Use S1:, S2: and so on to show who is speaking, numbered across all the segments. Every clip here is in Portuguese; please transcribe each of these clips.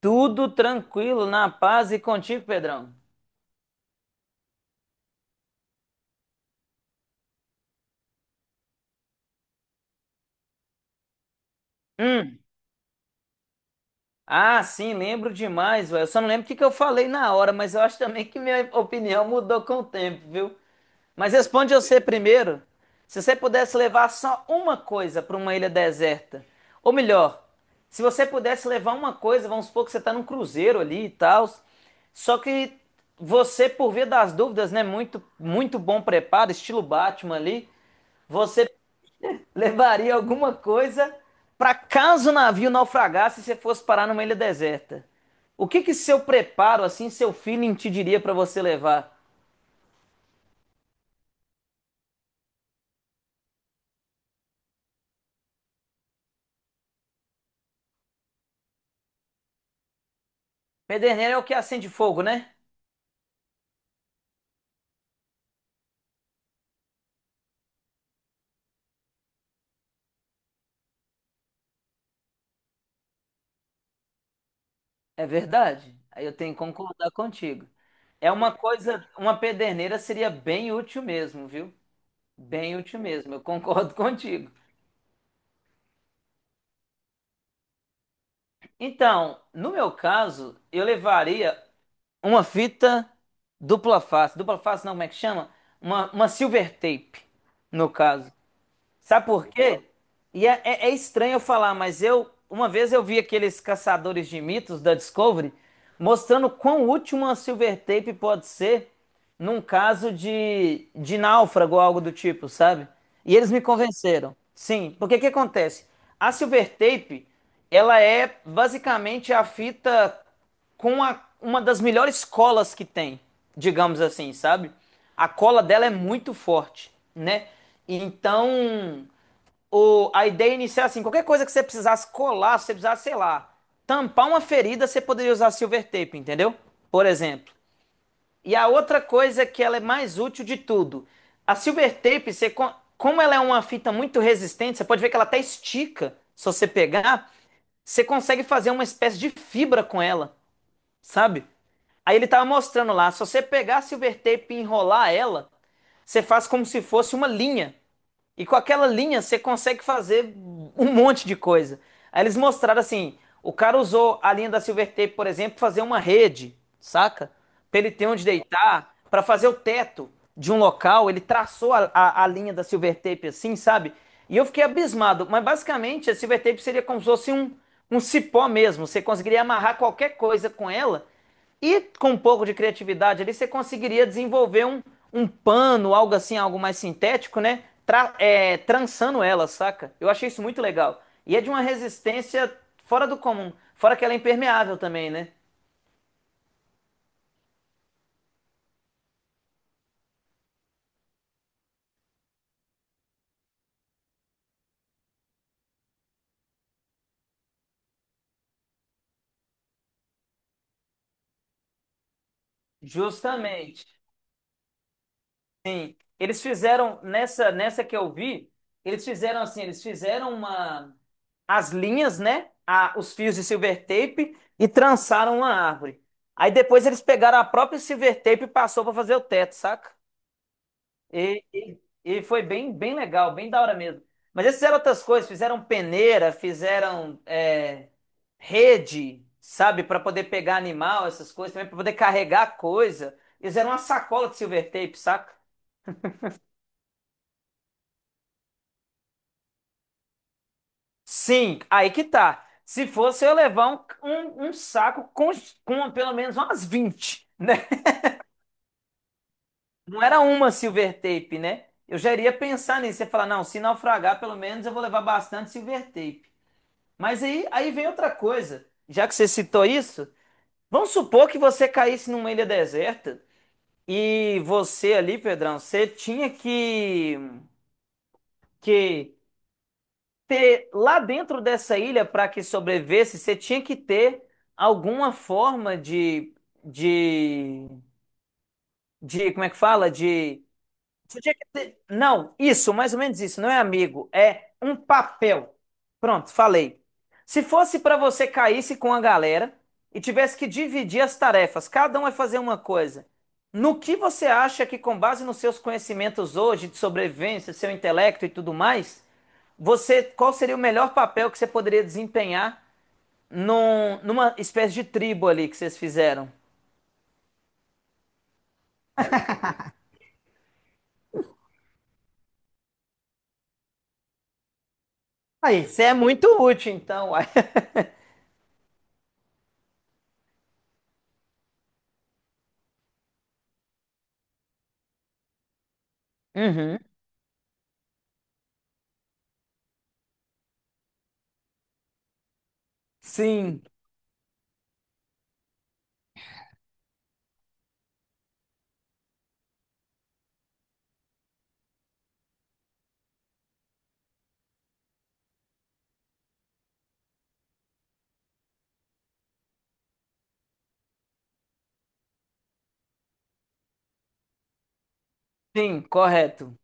S1: Tudo tranquilo, na paz e contigo, Pedrão. Hum. Ah, sim, lembro demais, velho. Eu só não lembro o que que eu falei na hora, mas eu acho também que minha opinião mudou com o tempo, viu? Mas responde você primeiro. Se você pudesse levar só uma coisa para uma ilha deserta, ou melhor, se você pudesse levar uma coisa, vamos supor que você tá num cruzeiro ali e tal, só que você, por via das dúvidas, né, muito muito bom preparo, estilo Batman ali, você levaria alguma coisa para caso o navio naufragasse e você fosse parar numa ilha deserta. O que que seu preparo, assim, seu feeling te diria para você levar? Pederneira é o que acende fogo, né? É verdade. Aí eu tenho que concordar contigo. É uma coisa, uma pederneira seria bem útil mesmo, viu? Bem útil mesmo, eu concordo contigo. Então, no meu caso, eu levaria uma fita dupla face. Dupla face não, como é que chama? Uma silver tape, no caso. Sabe por quê? E é estranho eu falar, mas eu uma vez eu vi aqueles caçadores de mitos da Discovery mostrando quão útil uma silver tape pode ser num caso de, náufrago ou algo do tipo, sabe? E eles me convenceram. Sim, porque o que acontece? A silver tape, ela é basicamente a fita uma das melhores colas que tem, digamos assim, sabe? A cola dela é muito forte, né? Então, a ideia inicial é assim, qualquer coisa que você precisasse colar, se você precisasse, sei lá, tampar uma ferida, você poderia usar silver tape, entendeu? Por exemplo. E a outra coisa que ela é mais útil de tudo, a silver tape, você, como ela é uma fita muito resistente, você pode ver que ela até estica, se você pegar, você consegue fazer uma espécie de fibra com ela, sabe? Aí ele tava mostrando lá, se você pegar a silver tape e enrolar ela, você faz como se fosse uma linha. E com aquela linha você consegue fazer um monte de coisa. Aí eles mostraram assim, o cara usou a linha da silver tape, por exemplo, pra fazer uma rede, saca? Pra ele ter onde deitar, pra fazer o teto de um local, ele traçou a linha da silver tape assim, sabe? E eu fiquei abismado, mas basicamente a silver tape seria como se fosse um, um cipó mesmo. Você conseguiria amarrar qualquer coisa com ela e com um pouco de criatividade ali, você conseguiria desenvolver um, um pano, algo assim, algo mais sintético, né? Trançando ela, saca? Eu achei isso muito legal. E é de uma resistência fora do comum. Fora que ela é impermeável também, né? Justamente. Eles fizeram, nessa que eu vi, eles fizeram assim, eles fizeram uma, as linhas, né? A, os fios de silver tape e trançaram uma árvore. Aí depois eles pegaram a própria silver tape e passou para fazer o teto, saca? E, e- e foi bem, bem legal, bem da hora mesmo. Mas eles fizeram outras coisas, fizeram peneira, fizeram rede, sabe, para poder pegar animal, essas coisas, também para poder carregar coisa. Eles fizeram uma sacola de silver tape, saca? Sim, aí que tá. Se fosse eu ia levar um saco com pelo menos umas 20, né? Não era uma silver tape, né? Eu já iria pensar nisso e falar, não, se naufragar, pelo menos eu vou levar bastante silver tape. Mas aí, aí vem outra coisa. Já que você citou isso, vamos supor que você caísse numa ilha deserta e você ali, Pedrão, você tinha que ter lá dentro dessa ilha para que sobrevivesse, você tinha que ter alguma forma de, de, como é que fala? De tinha que ter- Não, isso, mais ou menos isso, não é amigo, é um papel. Pronto, falei. Se fosse para você caísse com a galera e tivesse que dividir as tarefas, cada um vai fazer uma coisa. No que você acha que, com base nos seus conhecimentos hoje de sobrevivência, seu intelecto e tudo mais, você, qual seria o melhor papel que você poderia desempenhar num- numa espécie de tribo ali que vocês fizeram? Aí, você é muito útil, então. Uai. Uhum. Sim, sim, correto.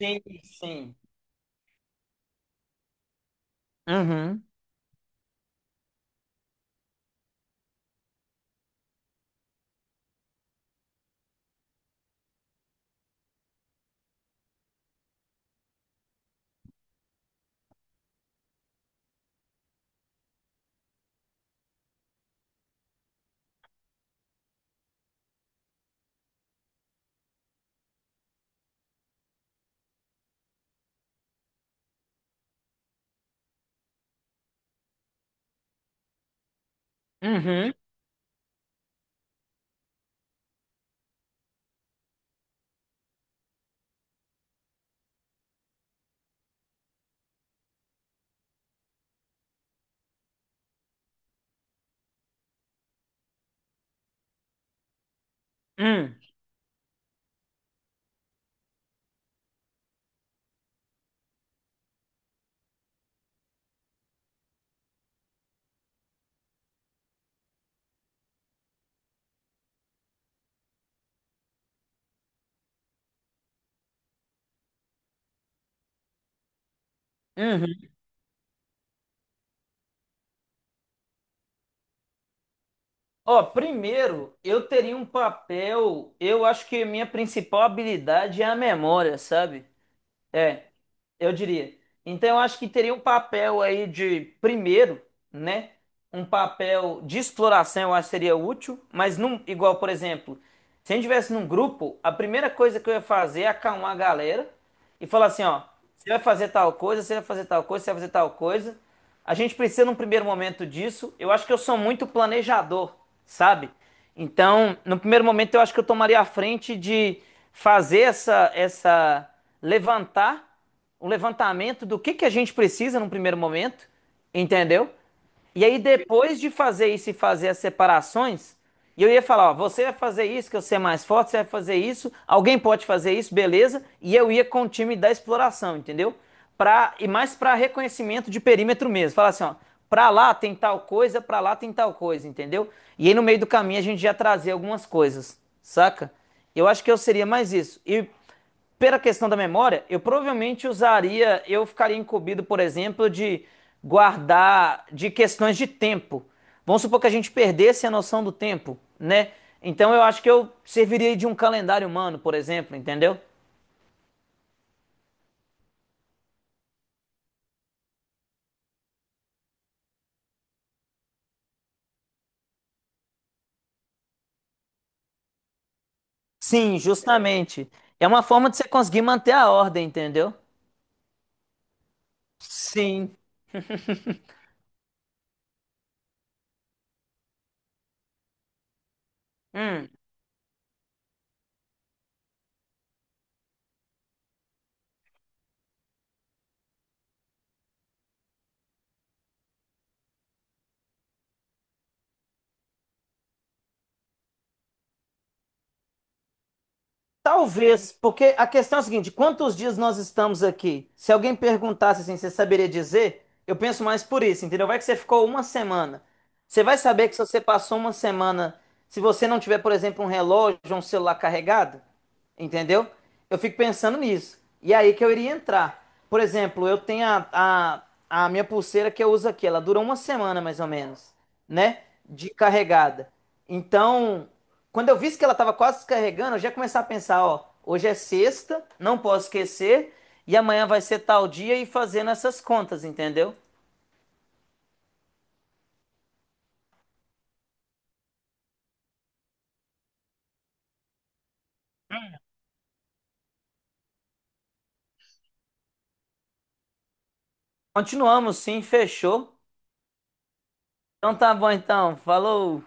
S1: Sim, sim. Uhum, uhum, uhum, uhum. Ó, primeiro, eu teria um papel. Eu acho que minha principal habilidade é a memória, sabe? É, eu diria. Então, eu acho que teria um papel aí de, primeiro, né? Um papel de exploração, eu acho que seria útil, mas não igual, por exemplo, se a gente estivesse num grupo, a primeira coisa que eu ia fazer é acalmar a galera e falar assim, ó, você vai fazer tal coisa, você vai fazer tal coisa, você vai fazer tal coisa. A gente precisa num primeiro momento disso. Eu acho que eu sou muito planejador, sabe? Então, no primeiro momento eu acho que eu tomaria a frente de fazer essa essa levantar um levantamento do que a gente precisa num primeiro momento, entendeu? E aí, depois de fazer isso e fazer as separações, e eu ia falar: ó, você vai fazer isso, que eu ser mais forte, você vai fazer isso, alguém pode fazer isso, beleza. E eu ia com o time da exploração, entendeu? Pra, e mais para reconhecimento de perímetro mesmo. Falar assim: ó, pra lá tem tal coisa, pra lá tem tal coisa, entendeu? E aí, no meio do caminho, a gente já trazia algumas coisas, saca? Eu acho que eu seria mais isso. E pela questão da memória, eu provavelmente usaria, eu ficaria incumbido, por exemplo, de guardar de questões de tempo. Vamos supor que a gente perdesse a noção do tempo, né? Então eu acho que eu serviria de um calendário humano, por exemplo, entendeu? Sim, justamente. É uma forma de você conseguir manter a ordem, entendeu? Sim. Hum. Talvez, porque a questão é a seguinte: quantos dias nós estamos aqui? Se alguém perguntasse assim, você saberia dizer? Eu penso mais por isso, entendeu? Vai que você ficou uma semana. Você vai saber que se você passou uma semana, se você não tiver, por exemplo, um relógio ou um celular carregado, entendeu? Eu fico pensando nisso. E é aí que eu iria entrar. Por exemplo, eu tenho a, a minha pulseira que eu uso aqui. Ela dura uma semana mais ou menos, né? De carregada. Então, quando eu vi que ela estava quase descarregando, eu já começava a pensar: ó, hoje é sexta, não posso esquecer. E amanhã vai ser tal dia e fazendo essas contas, entendeu? Continuamos, sim, fechou. Então tá bom, então. Falou.